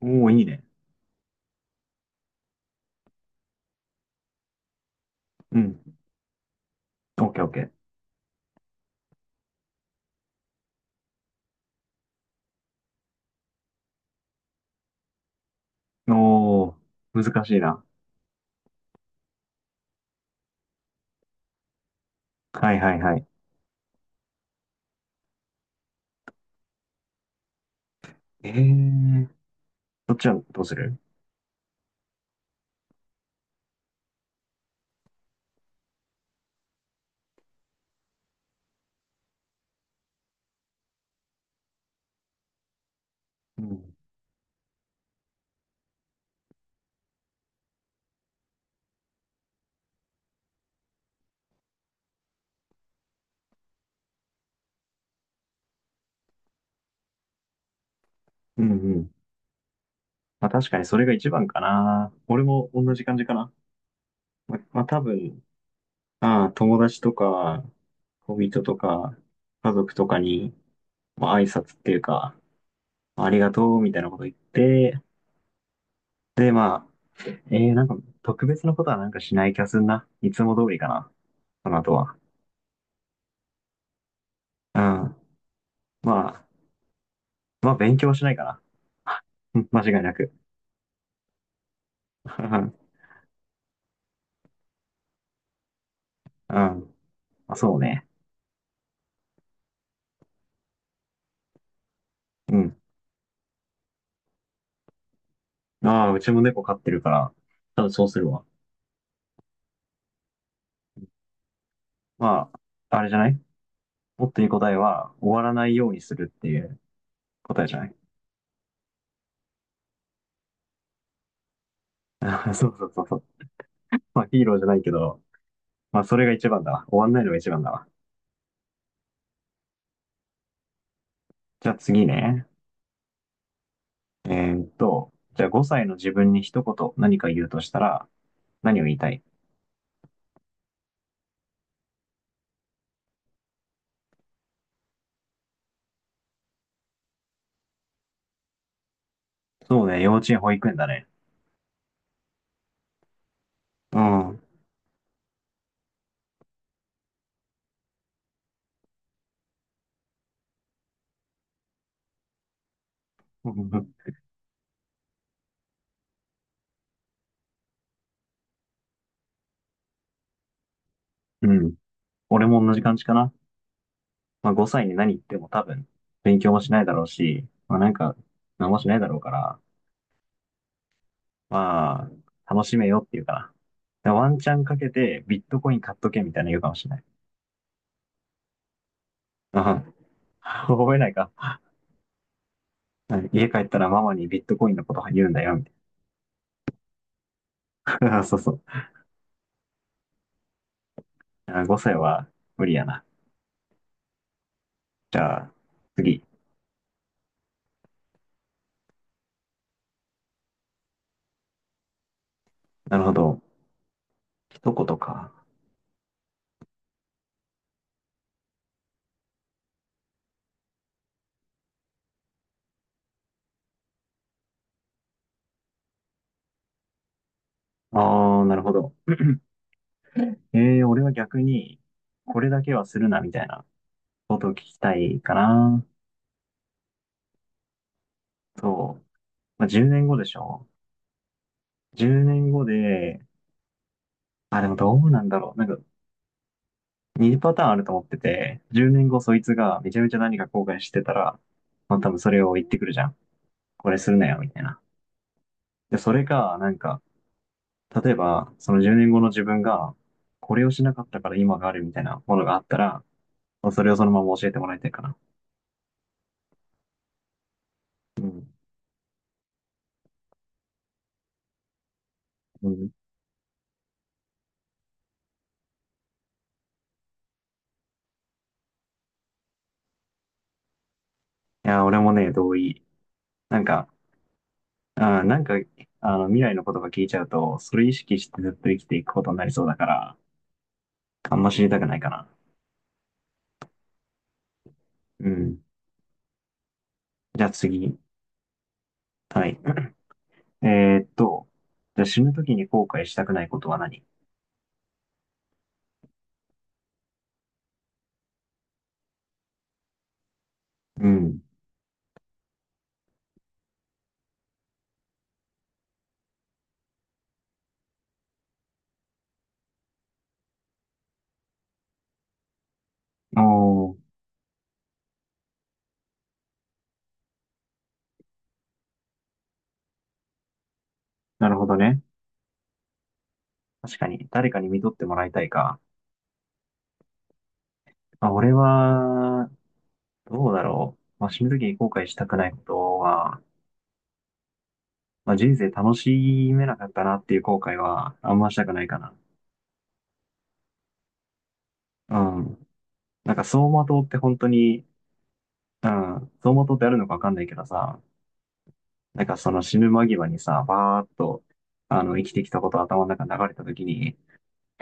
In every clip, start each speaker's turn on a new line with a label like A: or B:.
A: おお、いいね。うん。オッケーオッケー。おお、難しいな。はいはいはい。えー、そっちはどうする？うん。うんうん。まあ確かにそれが一番かな。俺も同じ感じかな。まあ多分、ああ、友達とか、恋人とか、家族とかに、まあ挨拶っていうか、まありがとうみたいなこと言って、でまあ、なんか特別なことはなんかしない気がするな。いつも通りかな。その後は。うん。まあ、まあ、勉強はしないかな。間違いなく。うん。まあ、そうね。うん。ああ、うちも猫飼ってるから、多分そうするわ。まあ、あれじゃない？もっといい答えは、終わらないようにするっていう答えじゃない？ そうそうそうそう。まあ、ヒーローじゃないけど、まあ、それが一番だわ。終わんないのが一番だわ。じゃあ次ね。じゃあ5歳の自分に一言何か言うとしたら、何を言いたい？そうね、幼稚園、保育園だね。うん。うん。俺も同じ感じかな。まあ、5歳に何言っても多分、勉強もしないだろうし、まあ、なんか、何もしないだろうから、まあ、楽しめよっていうかな。でワンチャンかけて、ビットコイン買っとけみたいな言うかもしれない。うん。覚えないか。家帰ったらママにビットコインのこと言うんだよ、みたいな。そうそう。5歳は無理やな。じゃあ、次。なるほど。一言か。ああ、なるほど。俺は逆に、これだけはするな、みたいなことを聞きたいかな。そう。まあ、10年後でしょ？ 10 年後で、あ、でもどうなんだろう。なんか、2パターンあると思ってて、10年後そいつがめちゃめちゃ何か後悔してたら、まあ多分それを言ってくるじゃん。これするなよ、みたいな。で、それが、なんか、例えば、その10年後の自分が、これをしなかったから今があるみたいなものがあったら、まあそれをそのまま教えてもらいたいかな。うん。うん。いや、俺もね、同意。なんか、なんか、未来のことが聞いちゃうと、それ意識してずっと生きていくことになりそうだから、あんま知りたくないかな。うん。じゃあ次。はい。えーっと、じゃあ死ぬ時に後悔したくないことは何？うん。おー、なるほどね。確かに、誰かに見とってもらいたいか。あ、俺は、どうだろう。まあ、死ぬ時に後悔したくないことは、まあ、人生楽しめなかったなっていう後悔は、あんましたくないかな。うん。なんか、走馬灯って本当に、うん、走馬灯ってあるのかわかんないけどさ、なんかその死ぬ間際にさ、バーっと、生きてきたこと頭の中に流れた時に、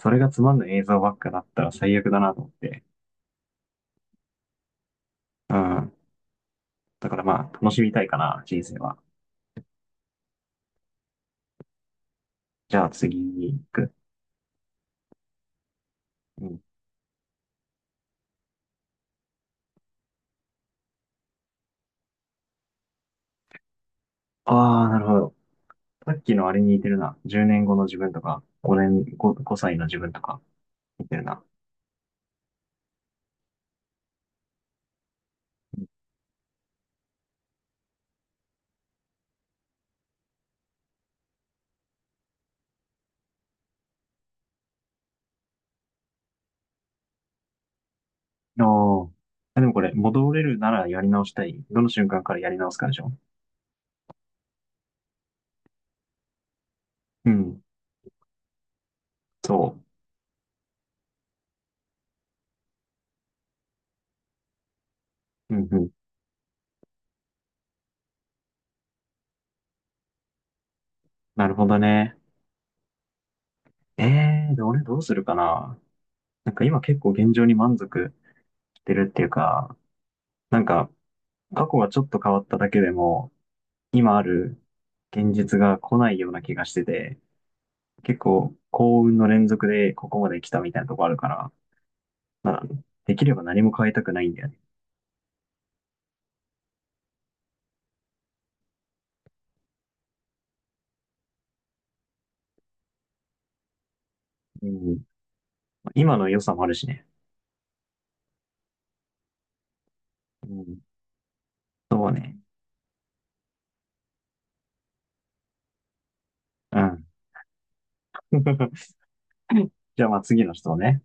A: それがつまんない映像ばっかだったら最悪だなと思って。うん。だからまあ、楽しみたいかな、人生は。じゃあ次に行く。うん。ああ、なるほど。さっきのあれに似てるな。10年後の自分とか、5年、5、5歳の自分とか、似てるな。おー。あ、でもこれ、戻れるならやり直したい。どの瞬間からやり直すかでしょ？うん。そう。うんうん。なるほどね。ええー、で、俺どうするかな。なんか今結構現状に満足してるっていうか、なんか過去がちょっと変わっただけでも、今ある現実が来ないような気がしてて、結構幸運の連続でここまで来たみたいなとこあるから、まあ、できれば何も変えたくないんだよね。うん。今の良さもあるしね。うん。そうね。うん。じゃあまあ次の人ね。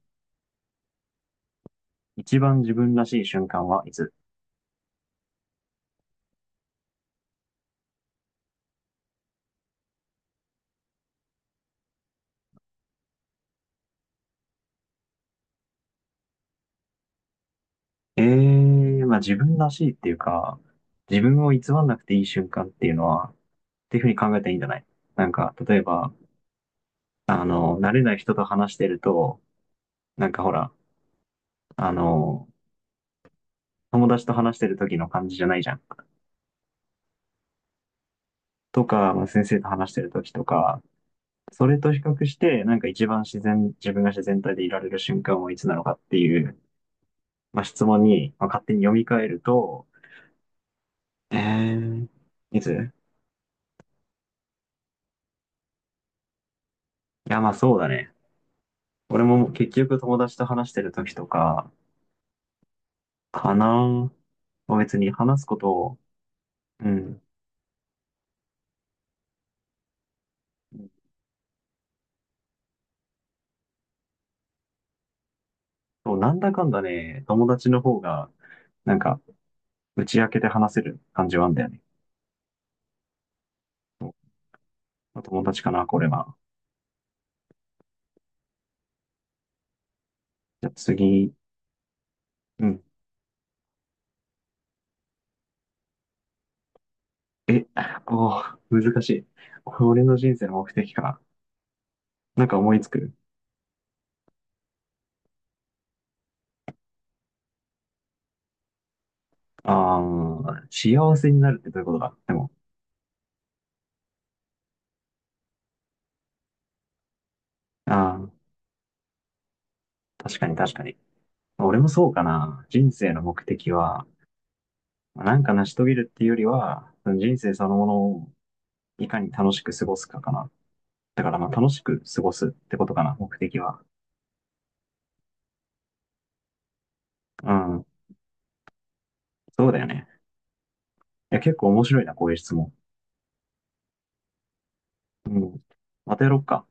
A: 一番自分らしい瞬間はいつ？ええー、まあ自分らしいっていうか、自分を偽らなくていい瞬間っていうのは、っていうふうに考えたらいいんじゃない？なんか、例えば、慣れない人と話してると、なんかほら、あの、友達と話してる時の感じじゃないじゃん。とか、まあ先生と話してる時とか、それと比較して、なんか一番自然、自分が自然体でいられる瞬間はいつなのかっていう、まあ、質問に、まあ、勝手に読み替えると、えー、いついや、まあそうだね。俺も結局友達と話してる時とか、かな。まあ別に話すことを、うん、そうなんだかんだね、友達の方が、なんか、打ち明けて話せる感じはあんだよね。そう。まあ友達かな、これは。じゃあ次、うん。え、おー、難しい。俺の人生の目的か。なんか思いつく。ああ、幸せになるってどういうことだ、でも、ああ、確かに確かに。俺もそうかな。人生の目的は、なんか成し遂げるっていうよりは、人生そのものをいかに楽しく過ごすかかな。だからまあ楽しく過ごすってことかな、目的は。うん。そうだよね。いや、結構面白いな、こういう質問。うん。またやろっか。